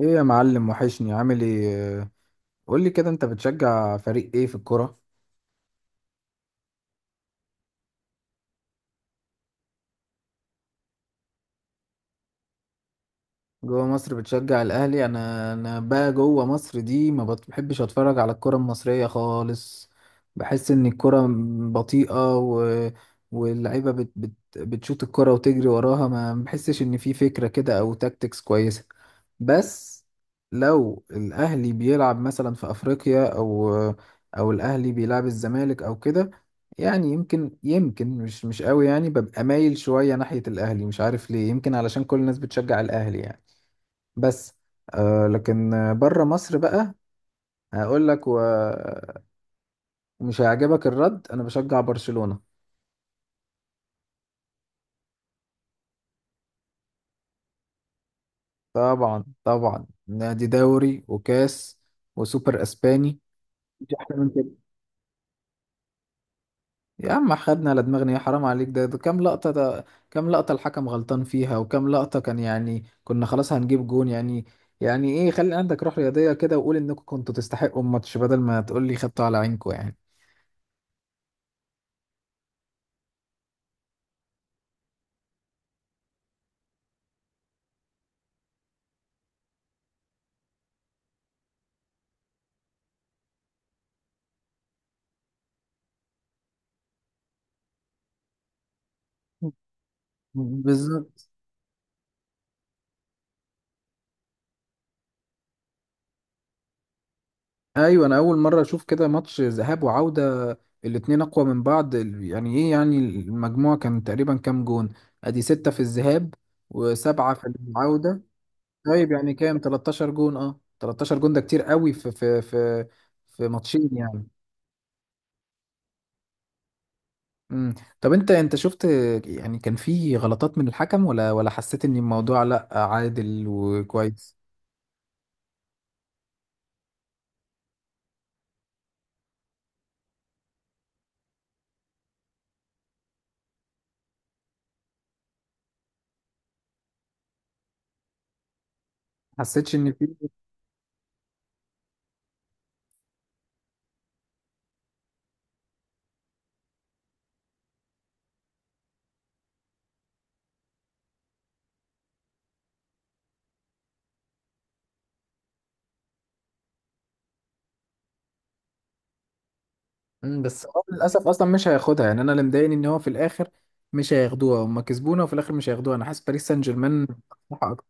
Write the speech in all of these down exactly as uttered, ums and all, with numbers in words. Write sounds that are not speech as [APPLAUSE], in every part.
ايه يا معلم، وحشني. عامل ايه؟ قول لي كده، انت بتشجع فريق ايه في الكرة؟ جوه مصر بتشجع الاهلي. انا انا بقى جوه مصر دي ما بت- بحبش اتفرج على الكرة المصرية خالص. بحس ان الكرة م- بطيئة و... واللعيبة بت... بت... بتشوط الكرة وتجري وراها. ما ما بحسش ان في فكرة كده او تاكتكس كويسة. بس لو الاهلي بيلعب مثلا في افريقيا، او او الاهلي بيلعب الزمالك او كده، يعني يمكن يمكن مش مش قوي، يعني ببقى مايل شوية ناحية الاهلي. مش عارف ليه، يمكن علشان كل الناس بتشجع الاهلي يعني. بس آه، لكن بره مصر بقى هقول لك، و... ومش هيعجبك الرد، انا بشجع برشلونة. طبعا طبعا، نادي دوري وكاس وسوبر اسباني. مش احلى من كده؟ يا عم خدنا على دماغنا، يا حرام عليك، ده, ده كام لقطة ده؟ كام لقطة الحكم غلطان فيها؟ وكام لقطة كان يعني كنا خلاص هنجيب جون يعني؟ يعني ايه؟ خلي عندك روح رياضية كده، وقول انكم كنتوا تستحقوا الماتش، بدل ما تقول لي خدتوا على عينكم يعني. [LAUGHS] بالظبط. ايوه، انا اول مره اشوف كده ماتش ذهاب وعوده الاتنين اقوى من بعض. ال- يعني ايه يعني، المجموع كان تقريبا كام جون؟ ادي ستة في الذهاب، وسبعة في العوده. طيب يعني كام؟ تلتاشر جون. اه، تلتاشر جون ده كتير قوي في في في في ماتشين يعني. امم. طب انت انت شفت يعني كان في غلطات من الحكم، ولا ولا حسيت ان الموضوع لا عادل وكويس؟ حسيتش ان في؟ مم، بس هو للاسف اصلا مش هياخدها يعني. انا اللي مضايقني ان هو في الاخر مش هياخدوها. هم كسبونا وفي الاخر مش هياخدوها. انا حاسس باريس سان جيرمان مصلحة اكتر.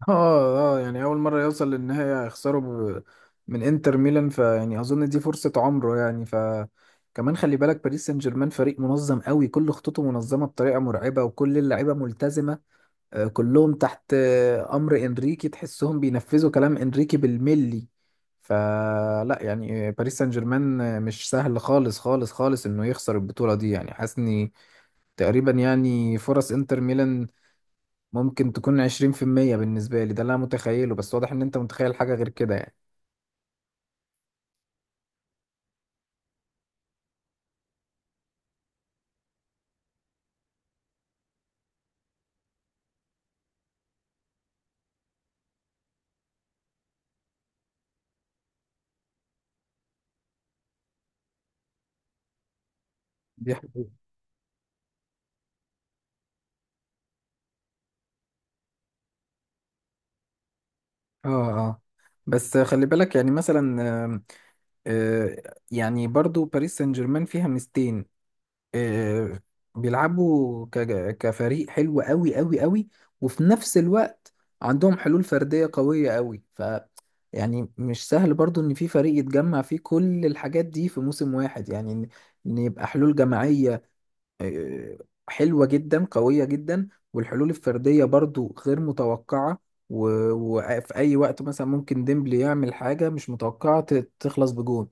[LAUGHS] اه، اه، يعني اول مره يوصل للنهايه هيخسروا ب... من انتر ميلان. فيعني اظن دي فرصه عمره يعني. ف كمان خلي بالك، باريس سان جيرمان فريق منظم قوي. كل خطوطه منظمه بطريقه مرعبه، وكل اللعيبه ملتزمه. آه، كلهم تحت آه، امر انريكي. تحسهم بينفذوا كلام انريكي بالملي. فلا يعني، آه، باريس سان جيرمان آه، مش سهل خالص خالص خالص انه يخسر البطولة دي. يعني حاسس اني تقريبا، يعني فرص انتر ميلان ممكن تكون عشرين في المية بالنسبة لي. ده اللي انا متخيله، بس واضح ان انت متخيل حاجة غير كده يعني. دي حقيقة. اه، اه. بس خلي بالك يعني مثلا، آم، آه، يعني برضو باريس سان جيرمان فيها ميزتين. آه، بيلعبوا ك- كفريق حلو قوي قوي قوي. وفي نفس الوقت عندهم حلول فردية قوية قوي. ف يعني مش سهل برضو ان في فريق يتجمع فيه كل الحاجات دي في موسم واحد. يعني ان إن يبقى حلول جماعية آه، حلوة جدا قوية جدا، والحلول الفردية برضو غير متوقعة. و- وفي أي وقت مثلا ممكن ديمبلي يعمل حاجة مش متوقعة ت- تخلص بجون.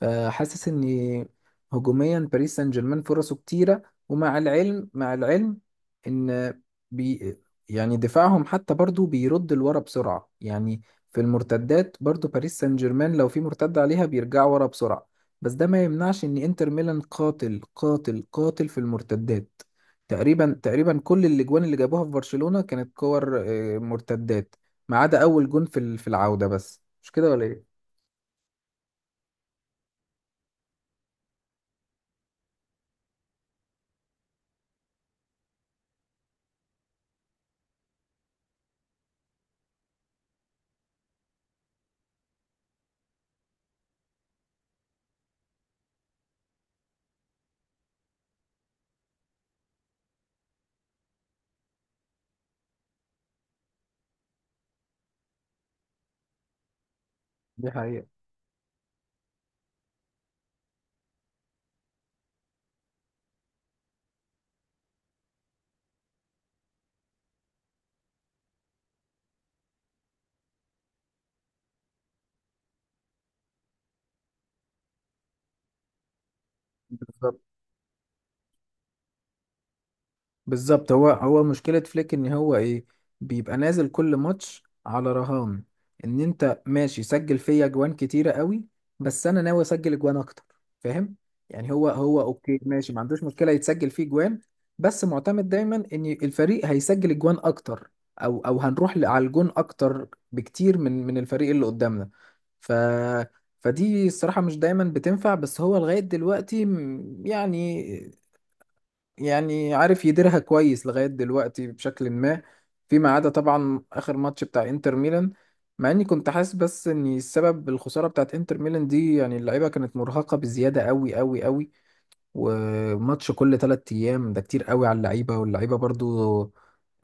فحاسس إن هجوميا باريس سان جيرمان فرصه كتيرة. ومع العلم مع العلم إن بي يعني دفاعهم حتى برضو بيرد لورا بسرعة يعني. في المرتدات برضو باريس سان جيرمان لو في مرتدة عليها بيرجعوا ورا بسرعة. بس ده ما يمنعش ان انتر ميلان قاتل قاتل قاتل في المرتدات. تقريبا تقريبا كل الاجوان اللي جابوها في برشلونة كانت كور آه، مرتدات، ما عدا اول جون في ال- في العودة. بس مش كده ولا ايه؟ دي حقيقة. بالظبط. بالظبط، هو هو مشكلة فليك ان هو ايه؟ بيبقى نازل كل ماتش على رهان ان انت ماشي سجل فيا اجوان كتيرة قوي، بس انا ناوي اسجل اجوان اكتر، فاهم؟ يعني هو هو اوكي، ماشي، ما عندوش مشكلة يتسجل فيه اجوان، بس معتمد دايما ان الفريق هيسجل اجوان اكتر، او او هنروح ل- على الجون اكتر بكتير من من الفريق اللي قدامنا. ف فدي الصراحة مش دايما بتنفع، بس هو لغاية دلوقتي م- يعني يعني عارف يديرها كويس لغاية دلوقتي بشكل ما، فيما عدا طبعا آخر ماتش بتاع انتر ميلان. مع اني كنت حاسس بس ان السبب الخسارة بتاعت انتر ميلان دي، يعني اللعيبة كانت مرهقة بزيادة قوي قوي قوي. وماتش كل تلات ايام ده كتير قوي على اللعيبة. واللعيبة برضو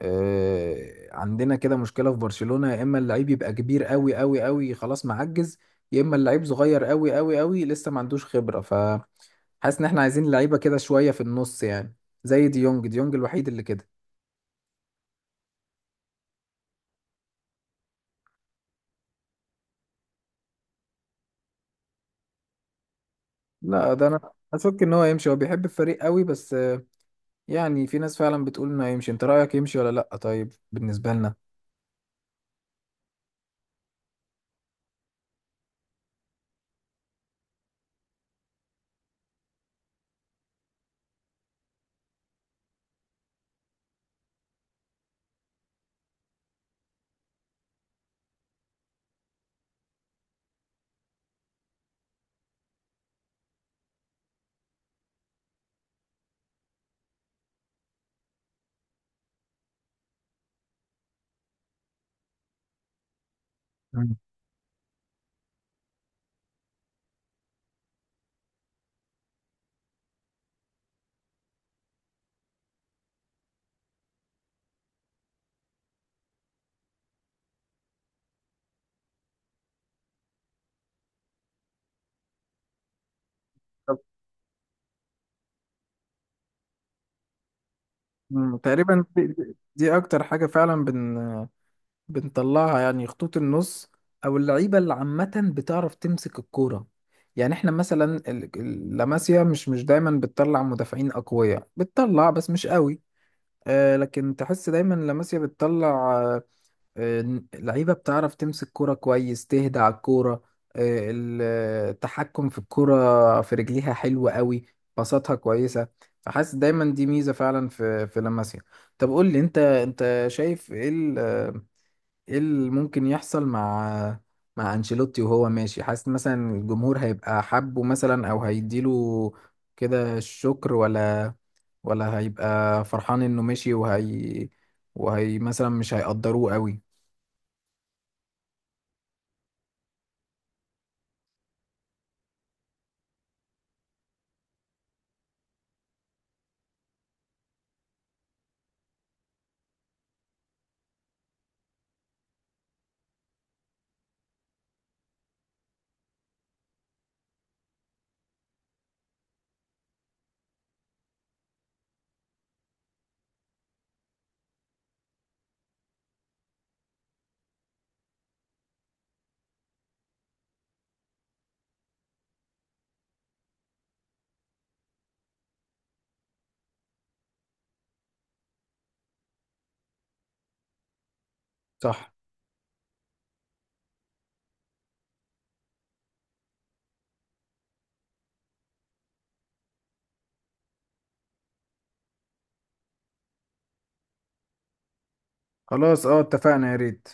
آه، عندنا كده مشكلة في برشلونة، يا اما اللعيب يبقى كبير قوي قوي قوي خلاص معجز، يا اما اللعيب صغير قوي قوي قوي لسه ما عندوش خبرة. ف حاسس ان احنا عايزين لعيبه كده شويه في النص يعني، زي ديونج. ديونج الوحيد اللي كده. لا، ده انا اشك ان هو يمشي. هو بيحب الفريق قوي، بس آه، يعني في ناس فعلا بتقول انه هيمشي. انت رايك يمشي ولا لا؟ طيب بالنسبه لنا. مم. طب مم، تقريبا دي, دي اكتر حاجه فعلا بن بنطلعها يعني، خطوط النص او اللعيبه اللي عامه بتعرف تمسك الكوره. يعني احنا مثلا ال- ال- لاماسيا مش مش دايما بتطلع مدافعين اقوياء. بتطلع بس مش قوي، آه، لكن تحس دايما لاماسيا بتطلع آه، آه، لعيبة بتعرف تمسك كرة كويس، تهدى على الكورة. آه، ال- آه، التحكم في الكرة في رجليها حلو قوي، باصاتها كويسة. فحاسس دايما دي ميزة فعلا في في لاماسيا. طب قول لي انت انت شايف ايه ال- آه، ايه اللي ممكن يحصل مع مع انشيلوتي وهو ماشي؟ حاسس مثلا الجمهور هيبقى حبه، مثلا او هيديله كده الشكر، ولا ولا هيبقى فرحان انه مشي، وهي وهي مثلا مش هيقدروه قوي؟ صح. خلاص، اه، اتفقنا، يا ريت.